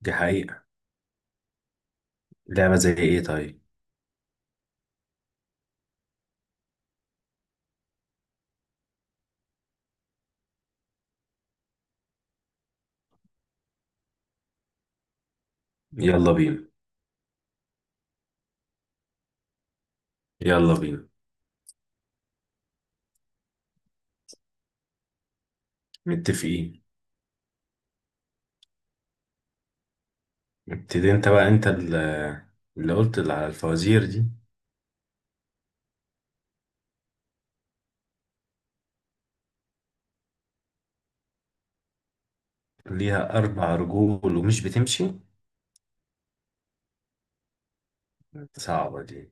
دي حقيقة. لعبة زي ايه طيب؟ يلا بينا. يلا بينا. متفقين. ابتدي انت بقى، اللي قلت اللي على الفوازير دي. ليها اربع رجول ومش بتمشي. صعبة دي.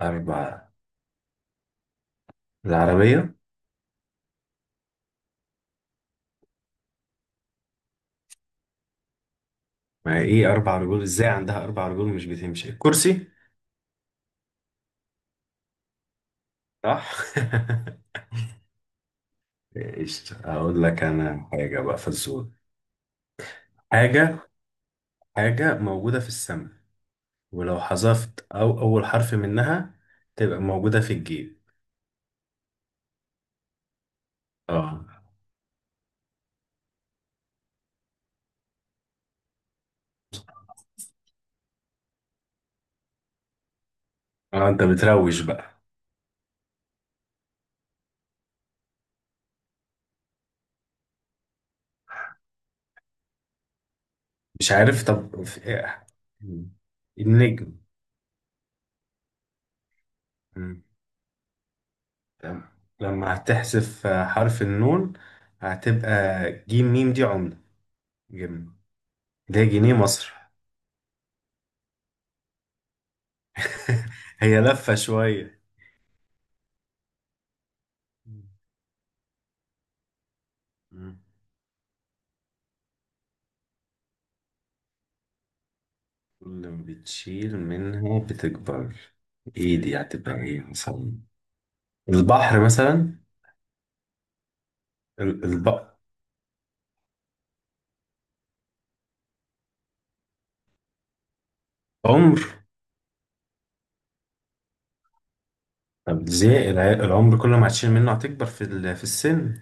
اربع. العربية. ما هي ايه اربع رجول؟ ازاي عندها اربع رجول ومش بتمشي؟ الكرسي. صح. ايش اقول لك انا حاجة بقى؟ فزورة. حاجة. حاجة موجودة في السماء، ولو حذفت او اول حرف منها تبقى موجودة في الجيب. اه. اه انت بتروج بقى. مش عارف، طب في إيه؟ مم. النجم. مم. تمام. لما هتحذف حرف النون، هتبقى جيم ميم، دي عملة، جنيه. ده جنيه مصر. هي لفة شوية. مم. اللي بتشيل منها بتكبر؟ ايه دي؟ هتبقى ايه مثلا؟ البحر مثلا. ال- الب... عمر. طب ازاي العمر كل ما هتشيل منه هتكبر في السن؟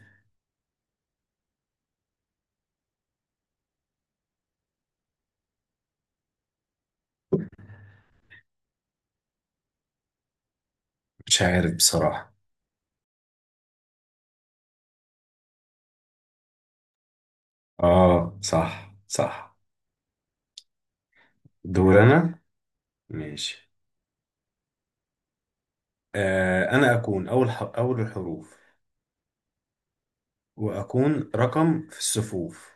مش عارف بصراحة. اه صح صح. دور انا. ماشي. انا اكون اول الحروف، واكون رقم في الصفوف،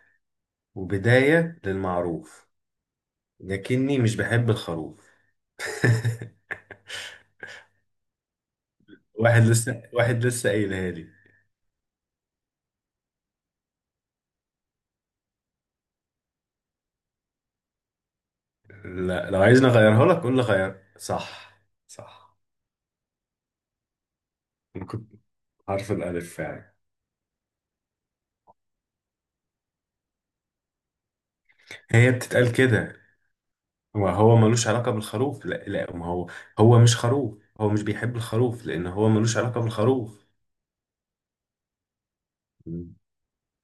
وبداية للمعروف، لكني مش بحب الخروف. واحد لسه، واحد لسه قايلها لي. لا لو عايزني اغيرها لك قول لي غير. صح. صح. انا كنت حرف الالف فعلا. هي بتتقال كده، وهو ملوش علاقة بالخروف. لا لا، ما هو هو مش خروف، هو مش بيحب الخروف لان هو ملوش علاقة بالخروف.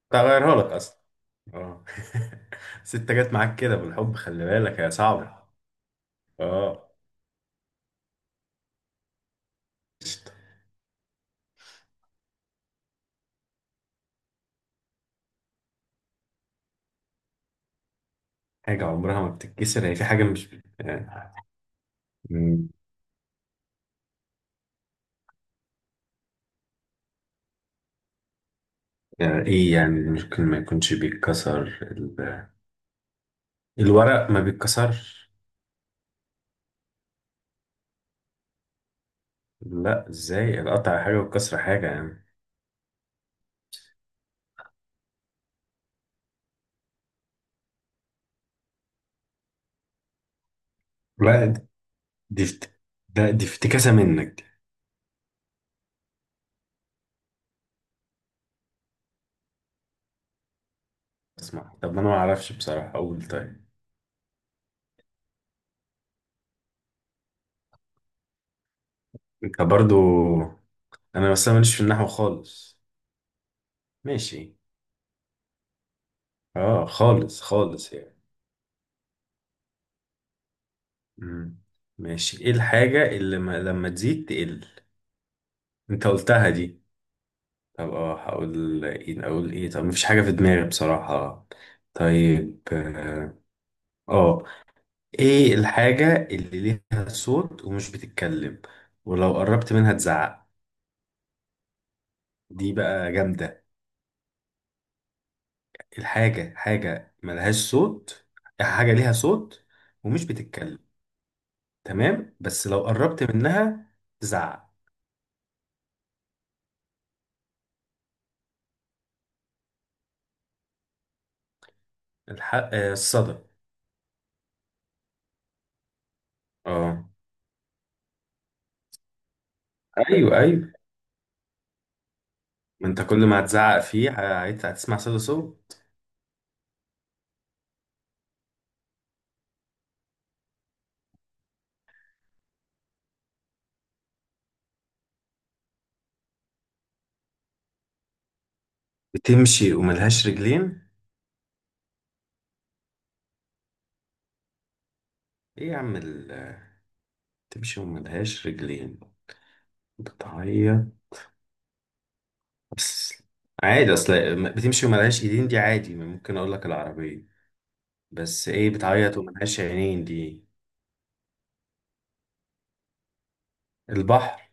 تغيرها لك اصلا. اه. ست جت معاك كده بالحب، خلي بالك هي صعبة. اه. قشطة. حاجة عمرها ما بتتكسر، هي في حاجة مش آه. مم. ايه يعني؟ ممكن ما يكونش بيتكسر الورق، ما بيتكسرش. لا ازاي، القطع حاجة والكسر حاجة يعني. لا دي دي افت... ده دي افتكاسة منك دي. اسمع، طب انا ما اعرفش بصراحة، اقول طيب. انت برضو. انا بس أنا ماليش في النحو خالص. ماشي. اه خالص خالص يعني. مم. ماشي. ايه الحاجة اللي ما لما تزيد تقل؟ انت قلتها دي. طب اه هقول ايه؟ اقول ايه؟ طب مفيش حاجة في دماغي بصراحة. طيب اه. آه. ايه الحاجة اللي ليها صوت ومش بتتكلم، ولو قربت منها تزعق؟ دي بقى جامدة. الحاجة حاجة ملهاش صوت. حاجة ليها صوت ومش بتتكلم، تمام، بس لو قربت منها تزعق. الح... آه الصدى. اه. ايوه ايوه. ما انت كل ما هتزعق فيه هتسمع صدى صوت. بتمشي وملهاش رجلين. ايه يا عم بتمشي وملهاش رجلين، بتعيط، بس عادي. اصل بتمشي وملهاش ايدين دي عادي، ممكن اقول لك العربية. بس ايه بتعيط وملهاش عينين دي؟ البحر.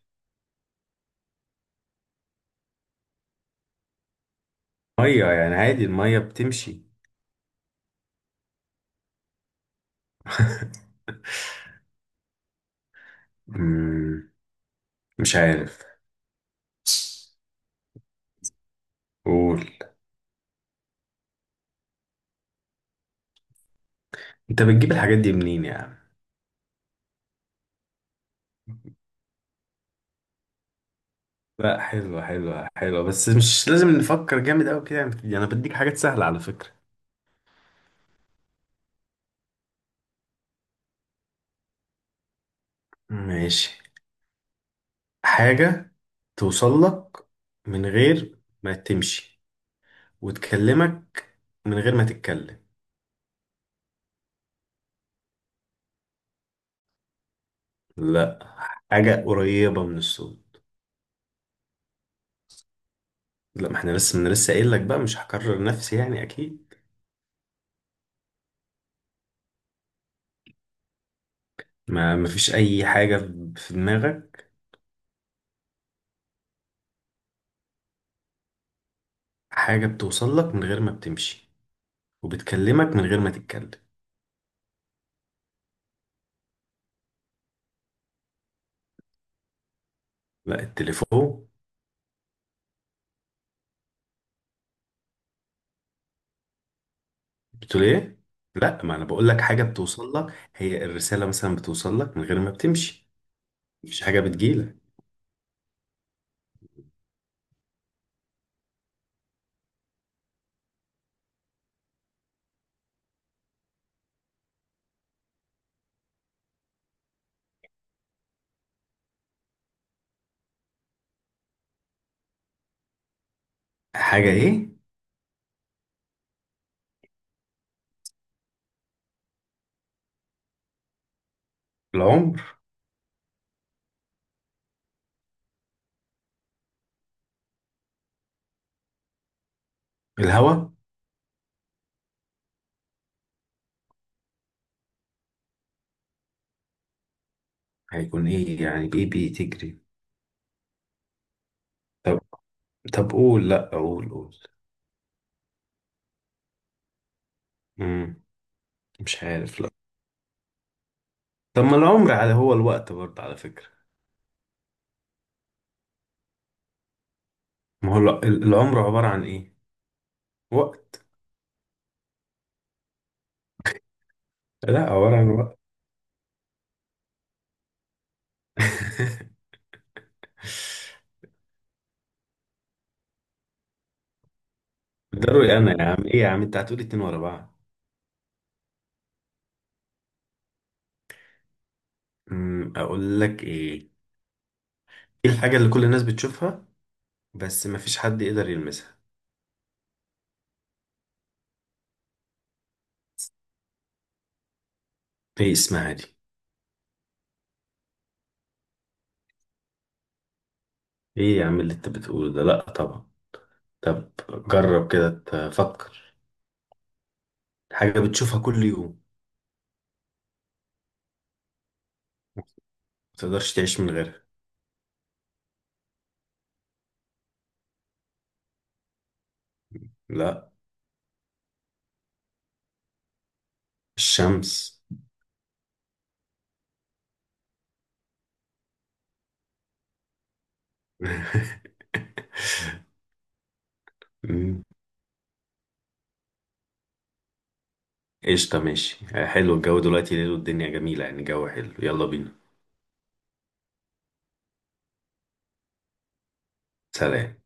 مية يعني عادي، المية بتمشي. مم، مش عارف. قول. انت بتجيب الحاجات دي منين يا عم؟ لا حلوة حلوة حلوة، بس مش لازم نفكر جامد أوي كده يعني. أنا بديك حاجات سهلة على فكرة. ماشي. حاجة توصل لك من غير ما تمشي، وتكلمك من غير ما تتكلم. لا. حاجة قريبة من الصوت. لا ما احنا لسه، من لسه قايل لك بقى، مش هكرر نفسي يعني أكيد. ما ما فيش أي حاجة في دماغك. حاجة بتوصل لك من غير ما بتمشي، وبتكلمك من غير ما تتكلم. لا التليفون. بتقول ايه؟ لا ما انا بقول لك، حاجه بتوصل لك، هي الرساله مثلا بتوصل لك من غير ما بتمشي. مفيش حاجه بتجيلك. حاجه ايه؟ العمر. الهوى. هيكون ايه يعني؟ ايه بتجري؟ طب. طب قول، لا قول قول. امم. مش عارف لا. طب ما العمر، على هو الوقت برضه على فكره. ما هو العمر عباره عن ايه؟ وقت. لا عباره عن وقت. ده رأيي انا يا عم. ايه يا عم انت هتقولي اتنين ورا بعض؟ اقول لك ايه. ايه الحاجه اللي كل الناس بتشوفها بس مفيش حد يقدر يلمسها؟ ايه اسمها دي؟ ايه يا عم اللي انت بتقوله ده؟ لا طبعا. طب جرب كده تفكر. حاجة بتشوفها كل يوم، ما تقدرش تعيش من غيرها. لا. الشمس. مم. قشطة، ماشي، حلو. الجو دلوقتي ليل والدنيا جميلة يعني، جو حلو. يلا بينا. سلام.